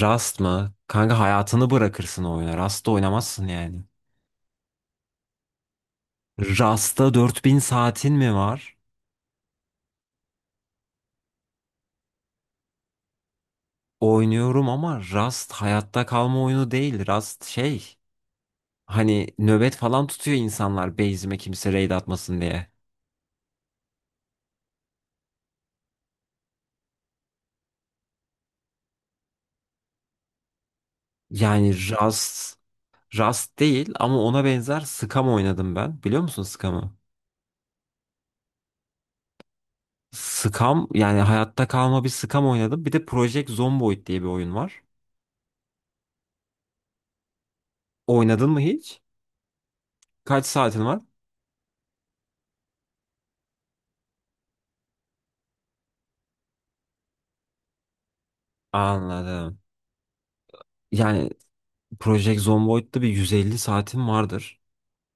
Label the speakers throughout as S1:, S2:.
S1: Rast mı? Kanka hayatını bırakırsın o oyuna. Rast'ta oynamazsın yani. Rast'ta 4.000 saatin mi var? Oynuyorum ama Rast hayatta kalma oyunu değil. Rast şey. Hani nöbet falan tutuyor insanlar base'ime kimse raid atmasın diye. Yani Rast Rast değil ama ona benzer Scum oynadım ben. Biliyor musun Scum'ı? Scum yani hayatta kalma bir Scum oynadım. Bir de Project Zomboid diye bir oyun var. Oynadın mı hiç? Kaç saatin var? Anladım. Yani Project Zomboid'da bir 150 saatim vardır.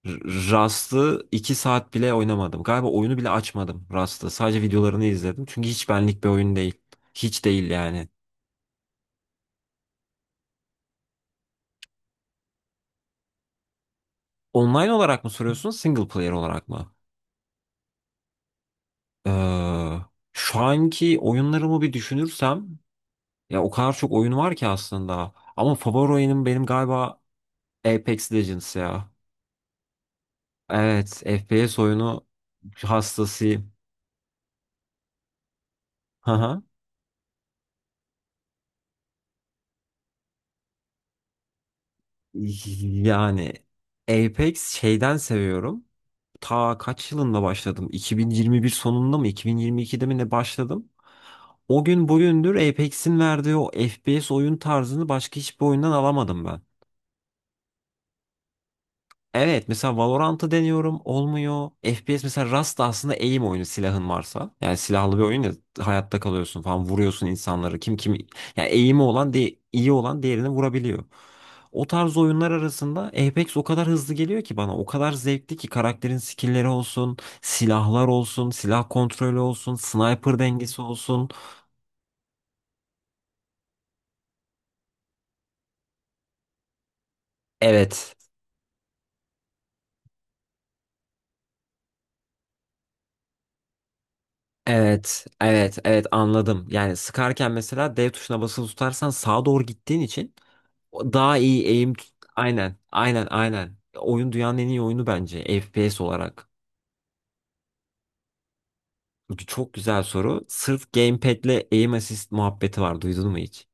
S1: R- Rust'ı 2 saat bile oynamadım. Galiba oyunu bile açmadım Rust'ı. Sadece videolarını izledim. Çünkü hiç benlik bir oyun değil. Hiç değil yani. Online olarak mı soruyorsun, single player olarak mı? Ee, Şu anki oyunlarımı bir düşünürsem, ya o kadar çok oyun var ki aslında. Ama favori oyunum benim galiba Apex Legends ya. Evet, FPS oyunu hastasıyım. Yani Apex şeyden seviyorum. Ta kaç yılında başladım? 2021 sonunda mı? 2022'de mi ne başladım? O gün bugündür Apex'in verdiği o FPS oyun tarzını başka hiçbir oyundan alamadım ben. Evet mesela Valorant'ı deniyorum, olmuyor. FPS mesela Rust da aslında aim oyunu, silahın varsa. Yani silahlı bir oyun ya, hayatta kalıyorsun falan, vuruyorsun insanları. Kim yani aim'i olan, iyi olan diğerini vurabiliyor. O tarz oyunlar arasında Apex o kadar hızlı geliyor ki bana. O kadar zevkli ki; karakterin skill'leri olsun, silahlar olsun, silah kontrolü olsun, sniper dengesi olsun. Evet. Evet, evet, evet, anladım. Yani sıkarken mesela dev tuşuna basılı tutarsan sağa doğru gittiğin için o daha iyi aim aynen, aynen, aynen. Oyun dünyanın en iyi oyunu bence FPS olarak. Bu çok güzel soru. Sırf gamepad'le aim assist muhabbeti var. Duydun mu hiç?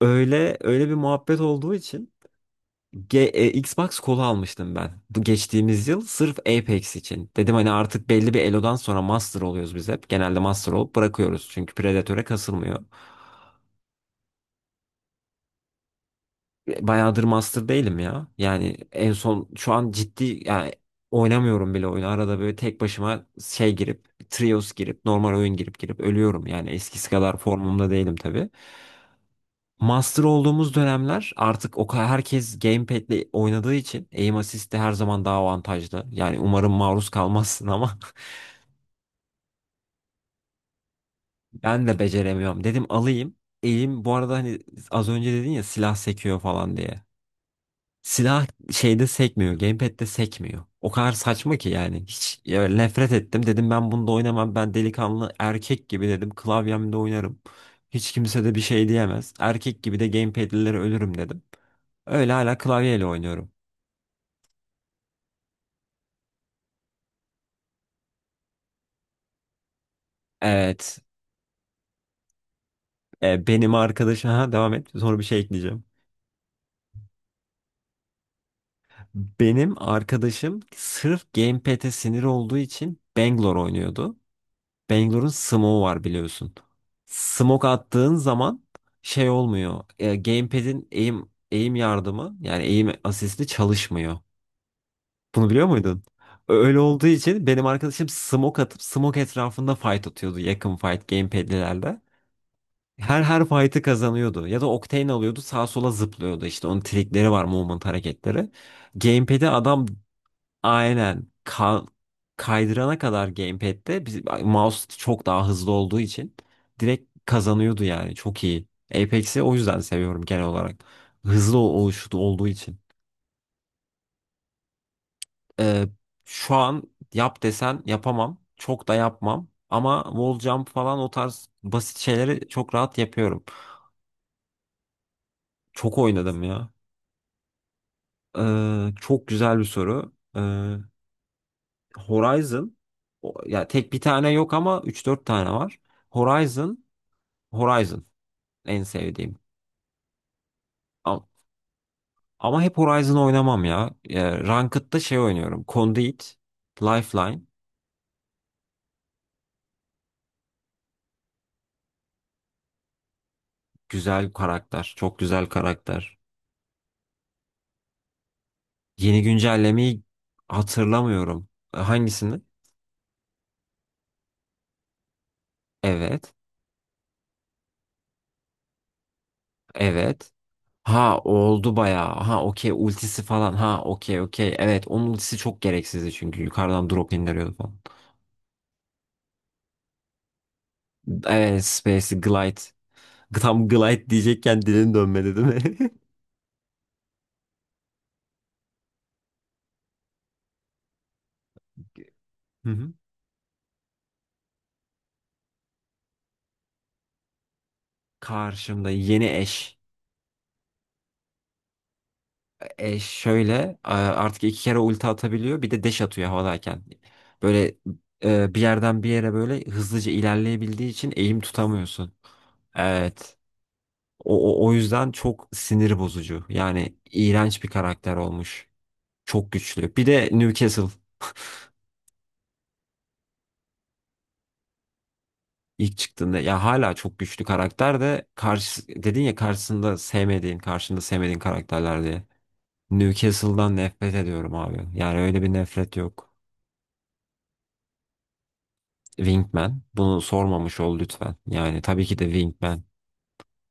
S1: Öyle öyle bir muhabbet olduğu için Xbox kolu almıştım ben. Bu geçtiğimiz yıl sırf Apex için. Dedim hani artık belli bir elodan sonra master oluyoruz biz hep. Genelde master olup bırakıyoruz. Çünkü Predator'e kasılmıyor. Bayağıdır master değilim ya. Yani en son şu an ciddi yani oynamıyorum bile oyunu. Arada böyle tek başıma şey girip, trios girip, normal oyun girip girip ölüyorum. Yani eskisi kadar formumda değilim tabii. Master olduğumuz dönemler artık o kadar herkes gamepad'le oynadığı için aim assist de her zaman daha avantajlı. Yani umarım maruz kalmazsın ama ben de beceremiyorum. Dedim alayım. Elim bu arada hani az önce dedin ya silah sekiyor falan diye. Silah şeyde sekmiyor. Gamepad'de sekmiyor. O kadar saçma ki yani. Hiç ya, nefret ettim. Dedim ben bunda oynamam. Ben delikanlı erkek gibi dedim, klavyemde oynarım. Hiç kimse de bir şey diyemez. Erkek gibi de gamepad'lilere ölürüm dedim. Öyle hala klavyeyle oynuyorum. Evet. Benim arkadaşım... Ha, devam et. Sonra bir şey ekleyeceğim. Benim arkadaşım sırf gamepad'e sinir olduğu için Bangalore oynuyordu. Bangalore'un smoke'u var biliyorsun. Smoke attığın zaman şey olmuyor. Gamepad'in aim yardımı, yani aim asisti çalışmıyor. Bunu biliyor muydun? Öyle olduğu için benim arkadaşım smoke atıp smoke etrafında fight atıyordu, yakın fight gamepad'lilerle. Her fight'ı kazanıyordu. Ya da Octane alıyordu, sağa sola zıplıyordu işte. Onun trikleri var, movement hareketleri. Gamepad'i adam... Aynen. Kaydırana kadar gamepad'de biz, mouse çok daha hızlı olduğu için direkt kazanıyordu yani. Çok iyi. Apex'i o yüzden seviyorum genel olarak. Hızlı oluşu olduğu için. Ee, Şu an yap desen yapamam. Çok da yapmam. Ama wall jump falan, o tarz basit şeyleri çok rahat yapıyorum. Çok oynadım ya. Çok güzel bir soru. Horizon ya, tek bir tane yok ama üç dört tane var. Horizon Horizon en sevdiğim. Ama, ama hep Horizon oynamam ya. Ranked'da şey oynuyorum: Conduit, Lifeline. Güzel karakter. Çok güzel karakter. Yeni güncellemeyi hatırlamıyorum. Hangisini? Evet. Evet. Ha, oldu bayağı. Ha, okey, ultisi falan. Ha okey, okey. Evet, onun ultisi çok gereksizdi çünkü yukarıdan drop indiriyordu falan. Evet, Space Glide. Tam Glide diyecekken dilin dönmedi değil mi? Hı hı. Karşımda yeni eş. Eş şöyle artık iki kere ulti atabiliyor. Bir de dash atıyor havadayken. Böyle bir yerden bir yere böyle hızlıca ilerleyebildiği için eğim tutamıyorsun. Evet. O yüzden çok sinir bozucu. Yani iğrenç bir karakter olmuş. Çok güçlü. Bir de Newcastle ilk çıktığında, ya hala çok güçlü karakter de karşı dedin ya, karşısında sevmediğin, karşında sevmediğin karakterler diye. Newcastle'dan nefret ediyorum abi. Yani öyle bir nefret yok. Wingman. Bunu sormamış ol lütfen. Yani tabii ki de Wingman.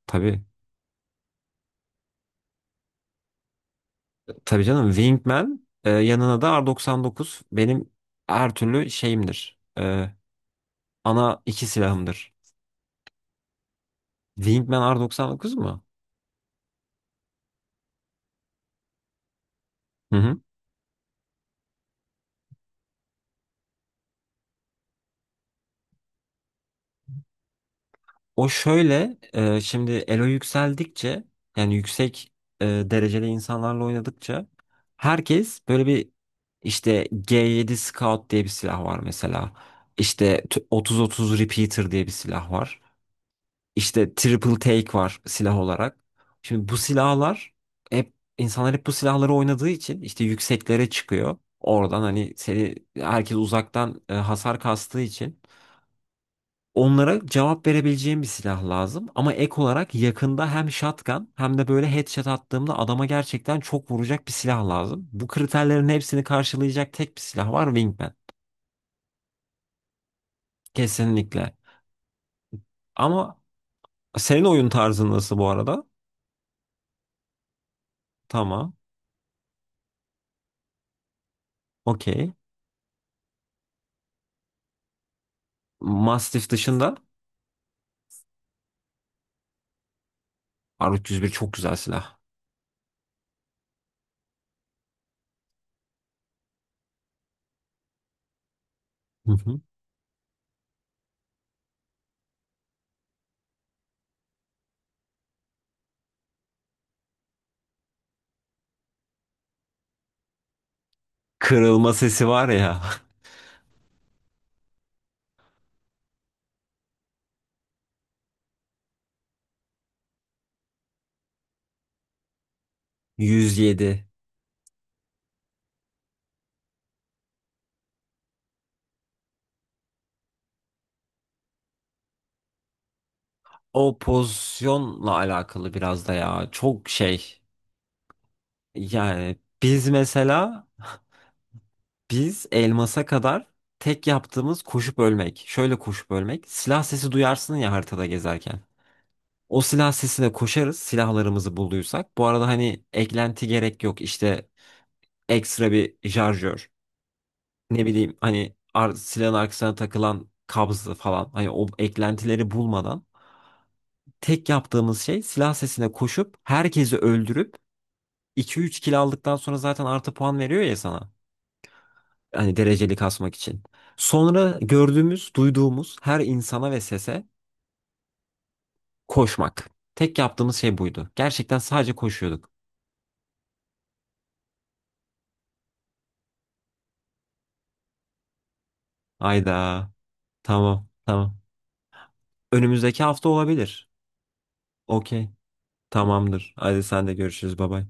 S1: Tabii. Tabii canım, Wingman yanına da R99 benim her türlü şeyimdir. Ana iki silahımdır. Wingman R99 mu? Hı hı. O şöyle şimdi elo yükseldikçe, yani yüksek dereceli insanlarla oynadıkça herkes böyle bir, işte G7 Scout diye bir silah var mesela. İşte 30-30 Repeater diye bir silah var. İşte triple take var silah olarak. Şimdi bu silahlar, hep insanlar hep bu silahları oynadığı için işte yükseklere çıkıyor. Oradan hani seni herkes uzaktan hasar kastığı için onlara cevap verebileceğim bir silah lazım. Ama ek olarak yakında hem shotgun hem de böyle headshot attığımda adama gerçekten çok vuracak bir silah lazım. Bu kriterlerin hepsini karşılayacak tek bir silah var: Wingman. Kesinlikle. Ama senin oyun tarzın nasıl bu arada? Tamam. Okey. Mastiff dışında R301 çok güzel silah. Hı hı. Kırılma sesi var ya. 107. O pozisyonla alakalı biraz da ya, çok şey. Yani biz mesela biz elmasa kadar tek yaptığımız koşup ölmek. Şöyle koşup ölmek. Silah sesi duyarsın ya haritada gezerken. O silah sesine koşarız, silahlarımızı bulduysak. Bu arada hani eklenti gerek yok. İşte ekstra bir şarjör, ne bileyim hani silahın arkasına takılan kabzı falan, hani o eklentileri bulmadan tek yaptığımız şey silah sesine koşup herkesi öldürüp iki üç kill aldıktan sonra zaten artı puan veriyor ya sana. Hani dereceli kasmak için. Sonra gördüğümüz, duyduğumuz her insana ve sese koşmak. Tek yaptığımız şey buydu. Gerçekten sadece koşuyorduk. Ayda. Tamam, tamam. Önümüzdeki hafta olabilir. Okey. Tamamdır. Hadi sen de görüşürüz. Bay bay.